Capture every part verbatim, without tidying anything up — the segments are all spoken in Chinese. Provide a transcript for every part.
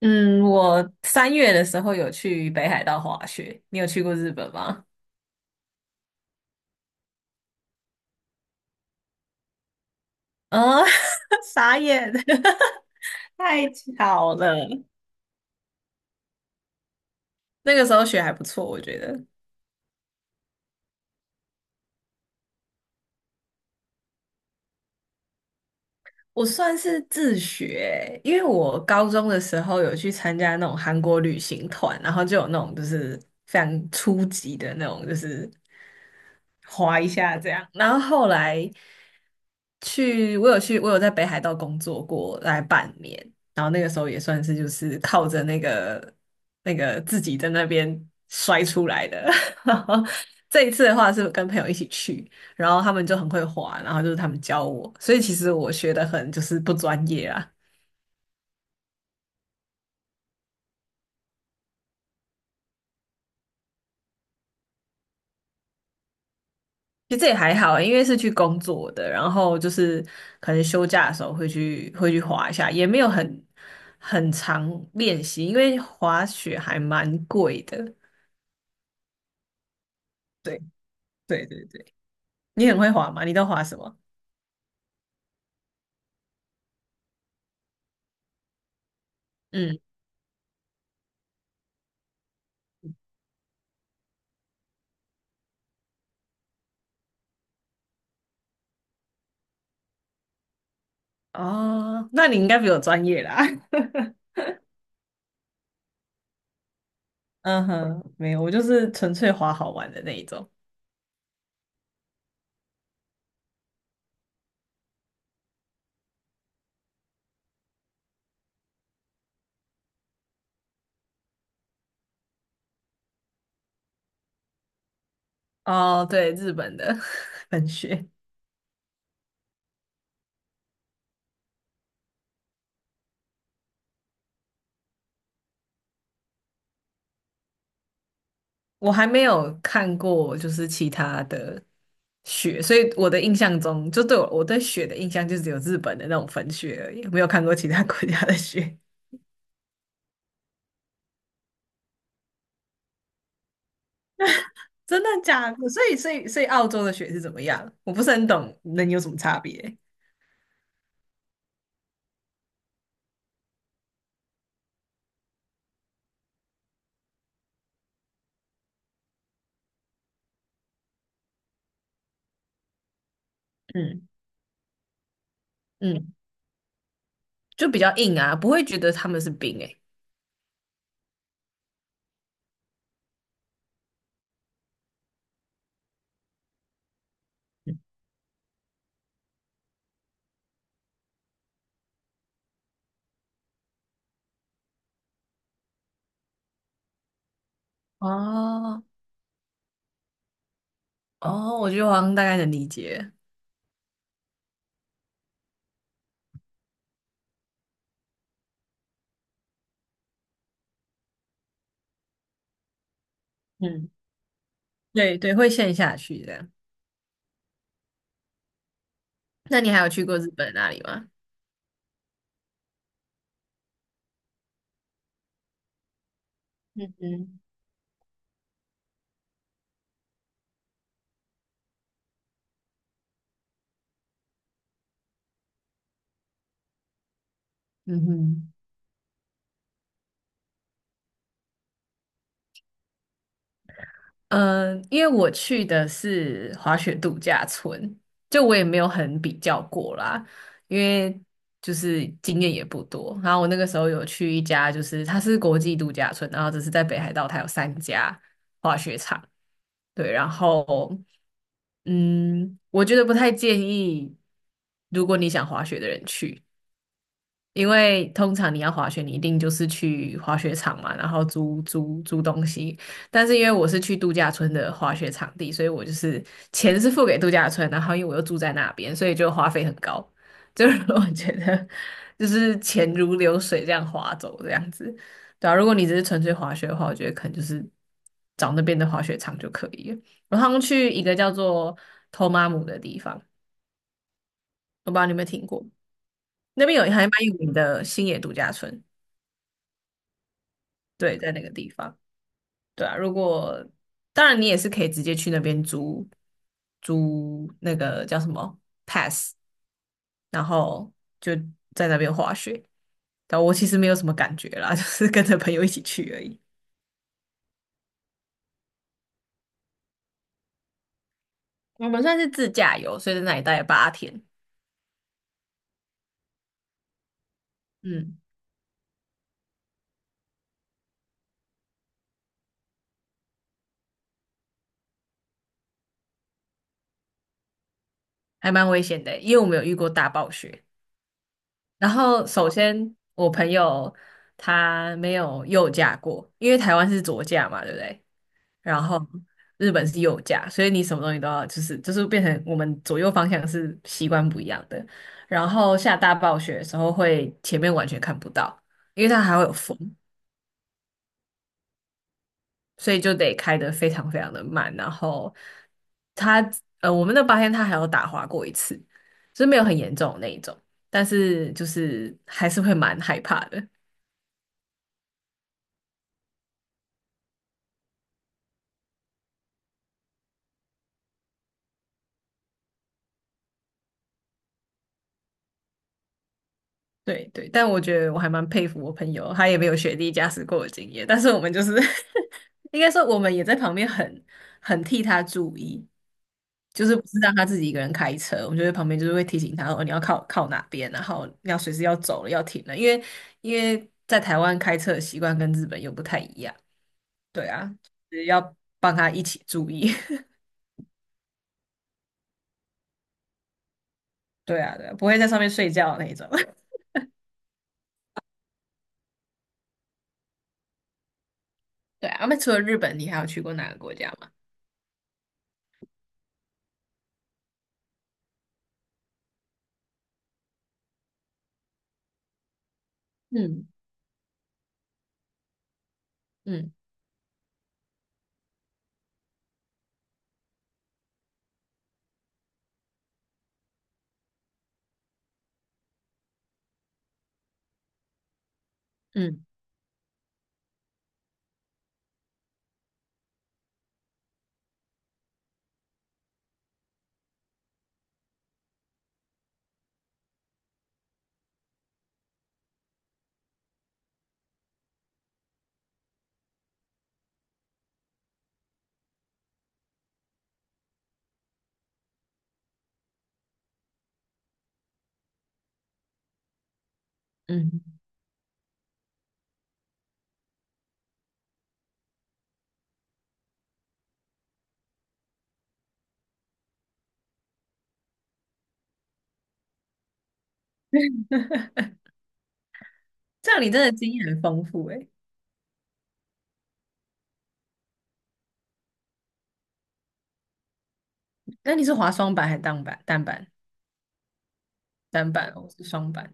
嗯，我三月的时候有去北海道滑雪，你有去过日本吗？嗯，傻眼，太巧了。那个时候雪还不错，我觉得我算是自学，因为我高中的时候有去参加那种韩国旅行团，然后就有那种就是非常初级的那种，就是滑一下这样。然后后来去，我有去，我有在北海道工作过大概半年，然后那个时候也算是就是靠着那个那个自己在那边摔出来的。然后这一次的话是跟朋友一起去，然后他们就很会滑，然后就是他们教我，所以其实我学的很就是不专业啊。其实这也还好欸，因为是去工作的，然后就是可能休假的时候会去会去滑一下，也没有很很常练习，因为滑雪还蛮贵的。对。对对对，你很会滑吗？你都滑什么？嗯，哦，那你应该比我专业啦。嗯哼，没有，我就是纯粹滑好玩的那一种。哦，对，日本的 粉雪。我还没有看过，就是其他的雪，所以我的印象中，就对我我对雪的印象就只有日本的那种粉雪而已，没有看过其他国家的雪。真的假的？所以，所以，所以澳洲的雪是怎么样？我不是很懂，能有什么差别？嗯嗯，就比较硬啊，不会觉得他们是冰诶、哦，哦，我觉得我好像大概能理解。嗯，对对，会陷下去这样。那你还有去过日本那里吗？嗯嗯，嗯哼，嗯，因为我去的是滑雪度假村，就我也没有很比较过啦，因为就是经验也不多。然后我那个时候有去一家，就是它是国际度假村，然后只是在北海道，它有三家滑雪场。对，然后，嗯，我觉得不太建议，如果你想滑雪的人去，因为通常你要滑雪，你一定就是去滑雪场嘛，然后租租租东西。但是因为我是去度假村的滑雪场地，所以我就是钱是付给度假村，然后因为我又住在那边，所以就花费很高。就是 我觉得就是钱如流水这样划走这样子，对啊。如果你只是纯粹滑雪的话，我觉得可能就是找那边的滑雪场就可以了。我好像去一个叫做托马姆的地方，我不知道你有没有听过，那边有还蛮有名的星野度假村。对，在那个地方，对啊。如果当然，你也是可以直接去那边租租那个叫什么，然后就在那边滑雪。但我其实没有什么感觉啦，就是跟着朋友一起去而已。我们算是自驾游，所以在那里待了八天，嗯，还蛮危险的，因为我们有遇过大暴雪。然后首先我朋友他没有右驾过，因为台湾是左驾嘛，对不对？然后日本是右驾，所以你什么东西都要就是就是变成我们左右方向是习惯不一样的。然后下大暴雪的时候会前面完全看不到，因为它还会有风，所以就得开得非常非常的慢。然后它呃，我们那八天它还有打滑过一次，就是没有很严重的那一种，但是就是还是会蛮害怕的。对对，但我觉得我还蛮佩服我朋友，他也没有雪地驾驶过的经验，但是我们就是 应该说我们也在旁边很很替他注意，就是不是让他自己一个人开车，我们就在旁边就是会提醒他哦，你要靠靠哪边，然后你要随时要走了要停了，因为因为在台湾开车的习惯跟日本又不太一样，对啊，就是要帮他一起注意，对啊对啊，不会在上面睡觉的那一种，对啊，那除了日本，你还有去过哪个国家吗？嗯嗯嗯嗯。嗯，这样你真的经验很丰富哎，那你是滑双板还是单板？单板，单板哦，我是双板。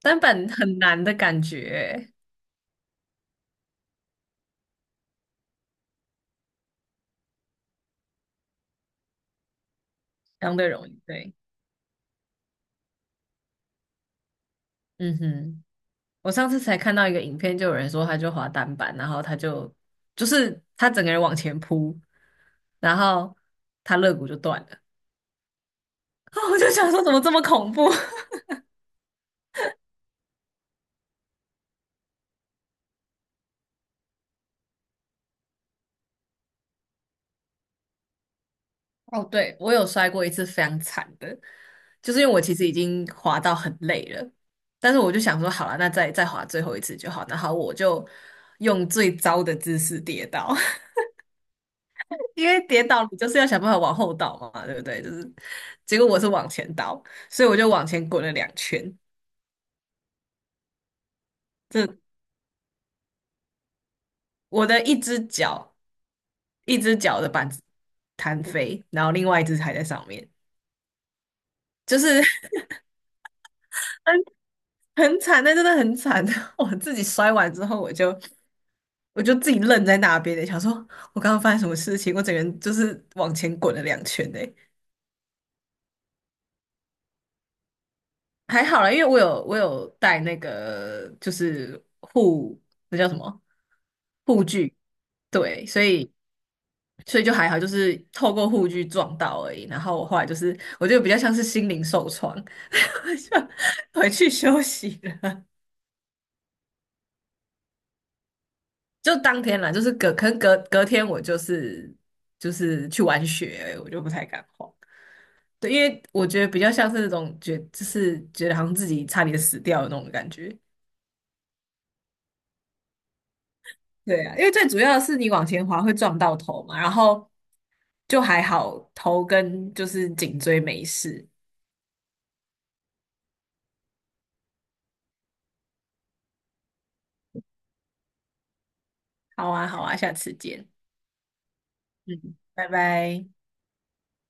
单板很难的感觉欸。相对容易。对，嗯哼，我上次才看到一个影片，就有人说他就滑单板，然后他就就是他整个人往前扑，然后他肋骨就断了。啊，我就想说怎么这么恐怖？哦，对，我有摔过一次非常惨的，就是因为我其实已经滑到很累了，但是我就想说，好了，那再再滑最后一次就好。然后我就用最糟的姿势跌倒，因为跌倒你就是要想办法往后倒嘛，对不对？就是结果我是往前倒，所以我就往前滚了两圈，这我的一只脚一只脚的板子弹飞，然后另外一只还在上面，就是 很很惨，那真的很惨。我自己摔完之后，我就。我就自己愣在那边的，想说我刚刚发生什么事情，我整个人就是往前滚了两圈的。还好啦，因为我有我有带那个就是护，那叫什么，护具，对，所以所以就还好，就是透过护具撞到而已。然后我后来就是我觉得比较像是心灵受创，就回去休息了。就当天啦，就是隔可能隔隔天我就是就是去玩雪而已，我就不太敢滑。对，因为我觉得比较像是那种觉，就是觉得好像自己差点死掉的那种感觉。对啊，因为最主要的是你往前滑会撞到头嘛，然后就还好，头跟就是颈椎没事。好啊，好啊，下次见，嗯，拜拜。